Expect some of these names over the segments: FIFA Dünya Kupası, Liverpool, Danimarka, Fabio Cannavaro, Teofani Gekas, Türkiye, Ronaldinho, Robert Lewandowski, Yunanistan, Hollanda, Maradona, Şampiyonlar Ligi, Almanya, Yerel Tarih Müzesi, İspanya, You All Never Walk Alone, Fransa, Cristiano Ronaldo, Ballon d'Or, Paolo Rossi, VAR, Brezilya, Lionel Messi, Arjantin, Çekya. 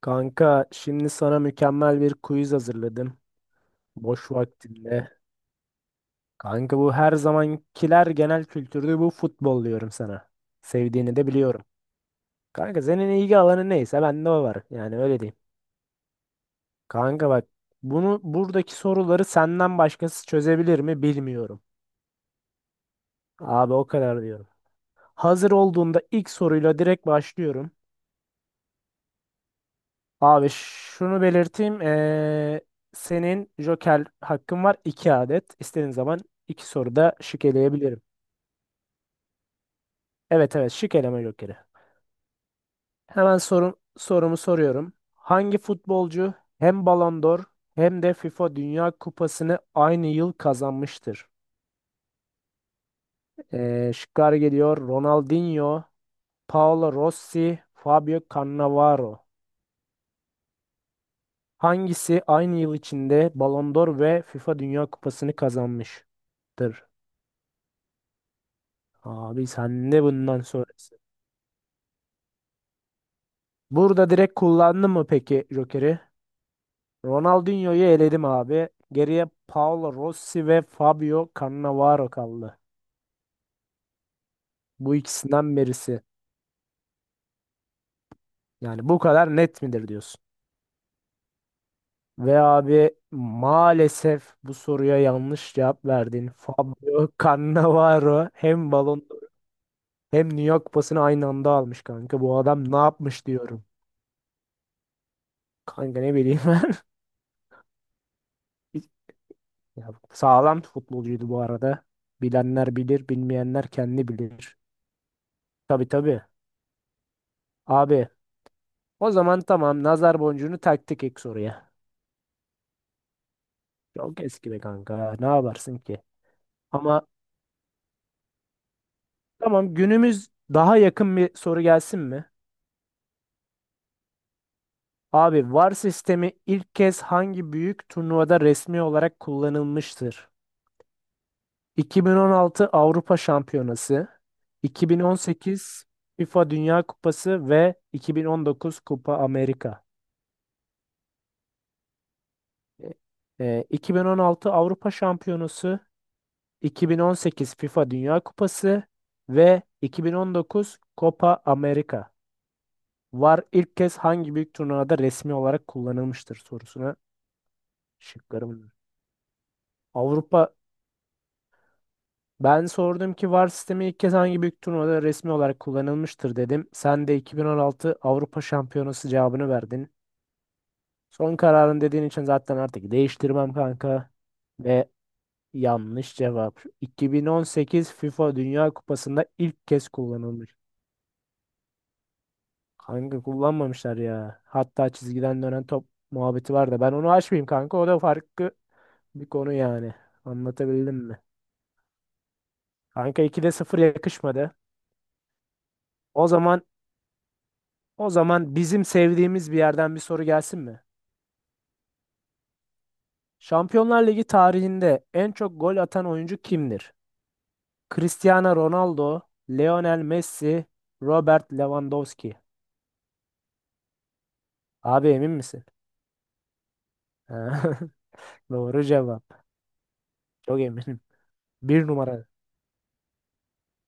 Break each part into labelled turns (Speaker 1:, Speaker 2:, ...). Speaker 1: Kanka, şimdi sana mükemmel bir quiz hazırladım. Boş vaktinde. Kanka, bu her zamankiler genel kültürde, bu futbol diyorum sana. Sevdiğini de biliyorum. Kanka, senin ilgi alanı neyse bende o var. Yani öyle diyeyim. Kanka bak, buradaki soruları senden başkası çözebilir mi bilmiyorum. Abi, o kadar diyorum. Hazır olduğunda ilk soruyla direkt başlıyorum. Abi şunu belirteyim. Senin Joker hakkın var, 2 adet. İstediğin zaman 2 soruda şık eleyebilirim. Evet evet, şık eleme Joker'i. Hemen sorumu soruyorum. Hangi futbolcu hem Ballon d'Or hem de FIFA Dünya Kupası'nı aynı yıl kazanmıştır? Şıklar geliyor. Ronaldinho, Paolo Rossi, Fabio Cannavaro. Hangisi aynı yıl içinde Ballon d'Or ve FIFA Dünya Kupası'nı kazanmıştır? Abi sen de bundan sonrası. Burada direkt kullandın mı peki Joker'i? Ronaldinho'yu eledim abi. Geriye Paolo Rossi ve Fabio Cannavaro kaldı. Bu ikisinden birisi. Yani bu kadar net midir diyorsun? Ve abi, maalesef bu soruya yanlış cevap verdin. Fabio Cannavaro hem balon hem New York pasını aynı anda almış kanka. Bu adam ne yapmış diyorum. Kanka ne bileyim. Ya, sağlam futbolcuydu bu arada. Bilenler bilir, bilmeyenler kendi bilir. Tabii tabii. Abi, o zaman tamam, nazar boncuğunu taktık ek soruya. Çok eski be kanka. Ne yaparsın ki? Ama tamam, günümüz daha yakın bir soru gelsin mi? Abi, VAR sistemi ilk kez hangi büyük turnuvada resmi olarak kullanılmıştır? 2016 Avrupa Şampiyonası, 2018 FIFA Dünya Kupası ve 2019 Kupa Amerika. 2016 Avrupa Şampiyonası, 2018 FIFA Dünya Kupası ve 2019 Copa America. VAR ilk kez hangi büyük turnuvada resmi olarak kullanılmıştır sorusuna şıklarım bunlar. Avrupa Ben sordum ki VAR sistemi ilk kez hangi büyük turnuvada resmi olarak kullanılmıştır dedim. Sen de 2016 Avrupa Şampiyonası cevabını verdin. Son kararın dediğin için zaten artık değiştirmem kanka. Ve yanlış cevap. 2018 FIFA Dünya Kupası'nda ilk kez kullanılmış. Kanka, kullanmamışlar ya. Hatta çizgiden dönen top muhabbeti var da ben onu açmayayım kanka. O da farklı bir konu yani. Anlatabildim mi? Kanka, 2'de sıfır yakışmadı. O zaman o zaman bizim sevdiğimiz bir yerden bir soru gelsin mi? Şampiyonlar Ligi tarihinde en çok gol atan oyuncu kimdir? Cristiano Ronaldo, Lionel Messi, Robert Lewandowski. Abi, emin misin? Doğru cevap. Çok eminim. Bir numara.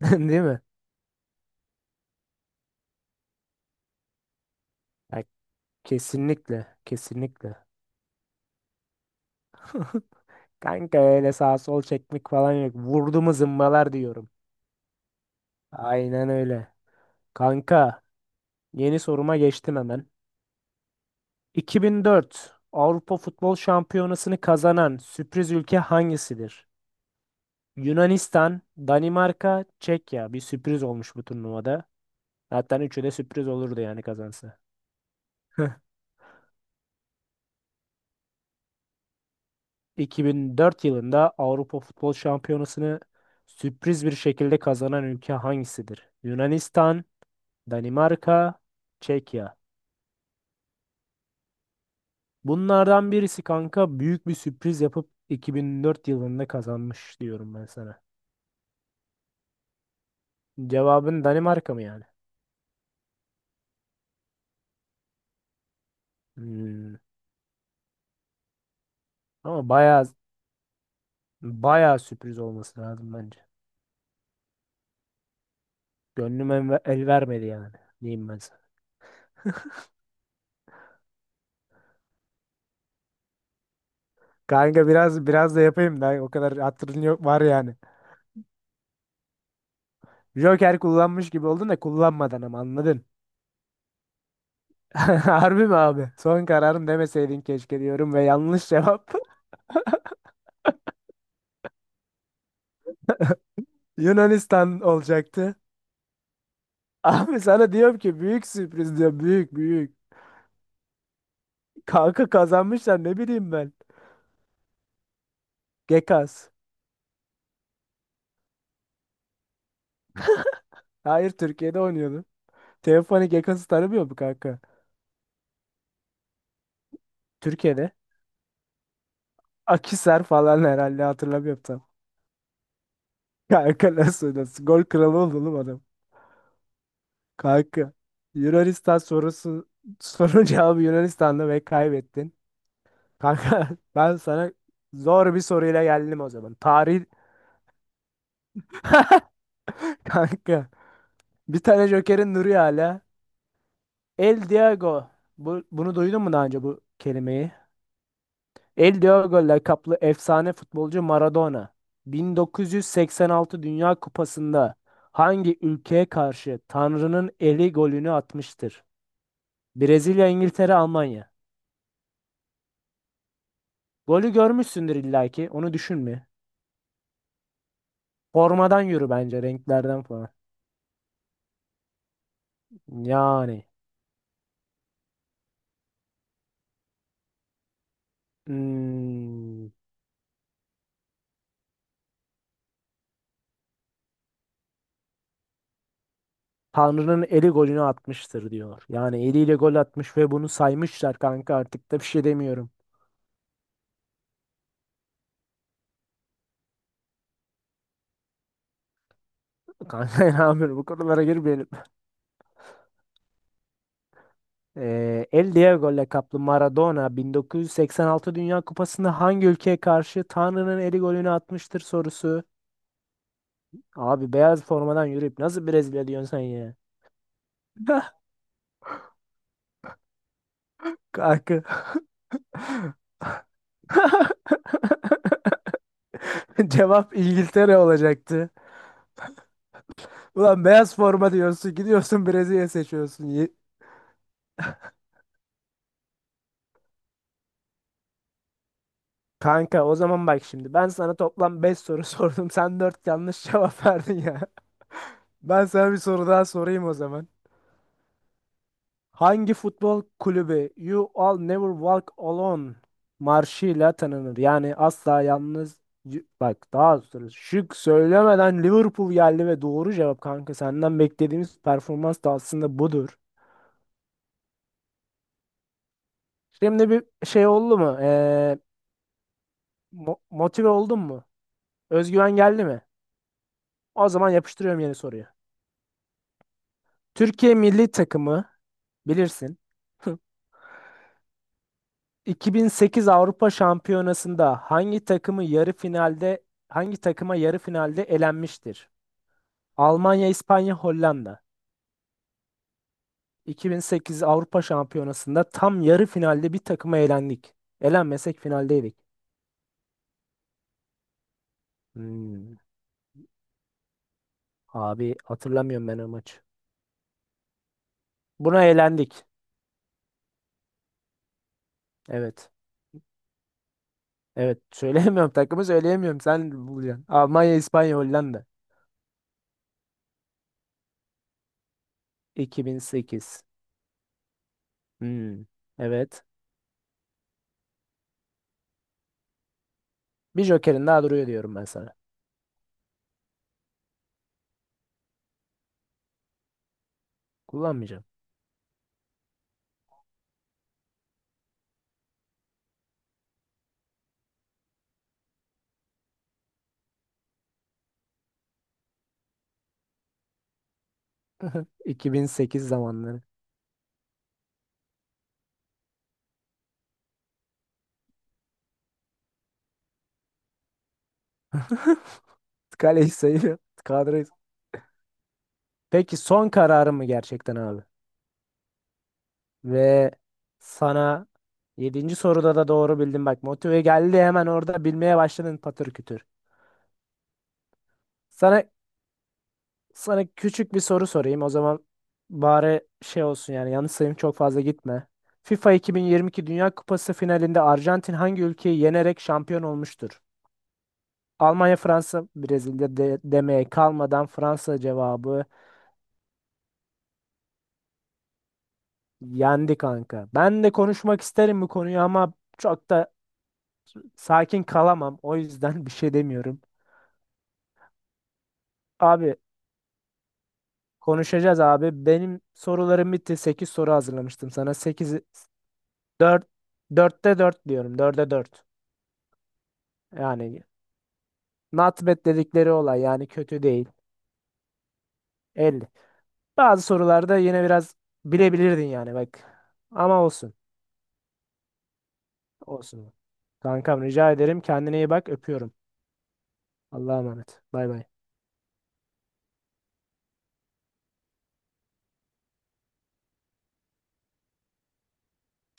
Speaker 1: Değil mi? Ya, kesinlikle. Kesinlikle. Kanka öyle sağ sol çekmek falan yok. Vurdu mu zımbalar diyorum. Aynen öyle. Kanka, yeni soruma geçtim hemen. 2004 Avrupa Futbol Şampiyonası'nı kazanan sürpriz ülke hangisidir? Yunanistan, Danimarka, Çekya. Bir sürpriz olmuş bu turnuvada. Hatta üçü de sürpriz olurdu yani kazansa. 2004 yılında Avrupa Futbol Şampiyonası'nı sürpriz bir şekilde kazanan ülke hangisidir? Yunanistan, Danimarka, Çekya. Bunlardan birisi kanka büyük bir sürpriz yapıp 2004 yılında kazanmış diyorum ben sana. Cevabın Danimarka mı yani? Hmm. Ama bayağı bayağı sürpriz olması lazım bence. Gönlüm el vermedi yani. Diyeyim ben sana. Kanka biraz biraz da yapayım da o kadar hatırın yok var yani. Joker kullanmış gibi oldun da kullanmadan, ama anladın. Harbi mi abi? Son kararım demeseydin keşke diyorum ve yanlış cevap. Yunanistan olacaktı. Abi sana diyorum ki büyük sürpriz diyor, büyük büyük. Kanka kazanmışlar, ne bileyim ben. Gekas. Hayır, Türkiye'de oynuyordu. Teofani Gekas'ı tanımıyor mu kanka? Türkiye'de. Akisar falan herhalde, hatırlamıyorum tam. Kanka nasıl nasıl? Gol kralı oldu oğlum adam. Kanka. Yunanistan sorusu, sorun cevabı Yunanistan'da ve kaybettin. Kanka ben sana zor bir soruyla geldim o zaman. Tarih kanka. Bir tane Joker'in duruyor hala. El Diego. Bunu duydun mu daha önce, bu kelimeyi? El Diego lakaplı efsane futbolcu Maradona. 1986 Dünya Kupası'nda hangi ülkeye karşı Tanrı'nın eli golünü atmıştır? Brezilya, İngiltere, Almanya. Golü görmüşsündür illaki. Onu düşünme. Formadan yürü bence, renklerden falan. Yani. Hmm, Tanrı'nın eli golünü atmıştır diyor. Yani eliyle gol atmış ve bunu saymışlar kanka, artık da bir şey demiyorum. Kanka, ne yapıyorum, bu konulara girmeyelim. El Diego kaplı Maradona 1986 Dünya Kupası'nda hangi ülkeye karşı Tanrı'nın eli golünü atmıştır sorusu. Abi beyaz formadan yürüyüp nasıl Brezilya diyorsun sen ya? Kanka. Cevap İngiltere olacaktı. Ulan beyaz forma diyorsun, gidiyorsun Brezilya seçiyorsun. Kanka o zaman bak, şimdi ben sana toplam 5 soru sordum. Sen 4 yanlış cevap verdin ya. Ben sana bir soru daha sorayım o zaman. Hangi futbol kulübü You All Never Walk Alone marşıyla tanınır? Yani asla yalnız bak, daha soru. Şık söylemeden Liverpool geldi ve doğru cevap kanka. Senden beklediğimiz performans da aslında budur. Şimdi bir şey oldu mu? Motive oldun mu? Özgüven geldi mi? O zaman yapıştırıyorum yeni soruyu. Türkiye milli takımı. Bilirsin. 2008 Avrupa Şampiyonası'nda hangi takıma yarı finalde elenmiştir? Almanya, İspanya, Hollanda. 2008 Avrupa Şampiyonası'nda tam yarı finalde bir takıma elendik. Elenmesek finaldeydik. Hmm, Abi hatırlamıyorum ben o maçı. Buna elendik. Evet. Evet. Söyleyemiyorum takımı, söyleyemiyorum. Sen bulacaksın. Almanya, İspanya, Hollanda. 2008. Hmm, evet. Bir jokerin daha duruyor diyorum ben. Kullanmayacağım. 2008 zamanları. Kaleci sayıyor. Kadroyu. Peki son kararım mı gerçekten abi? Ve sana, yedinci soruda da doğru bildin bak. Motive geldi, hemen orada bilmeye başladın patır kütür. Sana sana küçük bir soru sorayım. O zaman bari şey olsun yani, yanlış sayım çok fazla gitme. FIFA 2022 Dünya Kupası finalinde Arjantin hangi ülkeyi yenerek şampiyon olmuştur? Almanya, Fransa, Brezilya de demeye kalmadan Fransa cevabı. Yendi kanka. Ben de konuşmak isterim bu konuyu ama çok da sakin kalamam. O yüzden bir şey demiyorum. Abi konuşacağız abi. Benim sorularım bitti. 8 soru hazırlamıştım sana. Sekiz 4 dörtte 4 diyorum. 4'e 4. Yani not bad dedikleri olay, yani kötü değil. 50. Bazı sorularda yine biraz bilebilirdin yani bak. Ama olsun. Olsun. Kankam rica ederim. Kendine iyi bak. Öpüyorum. Allah'a emanet. Bay bay.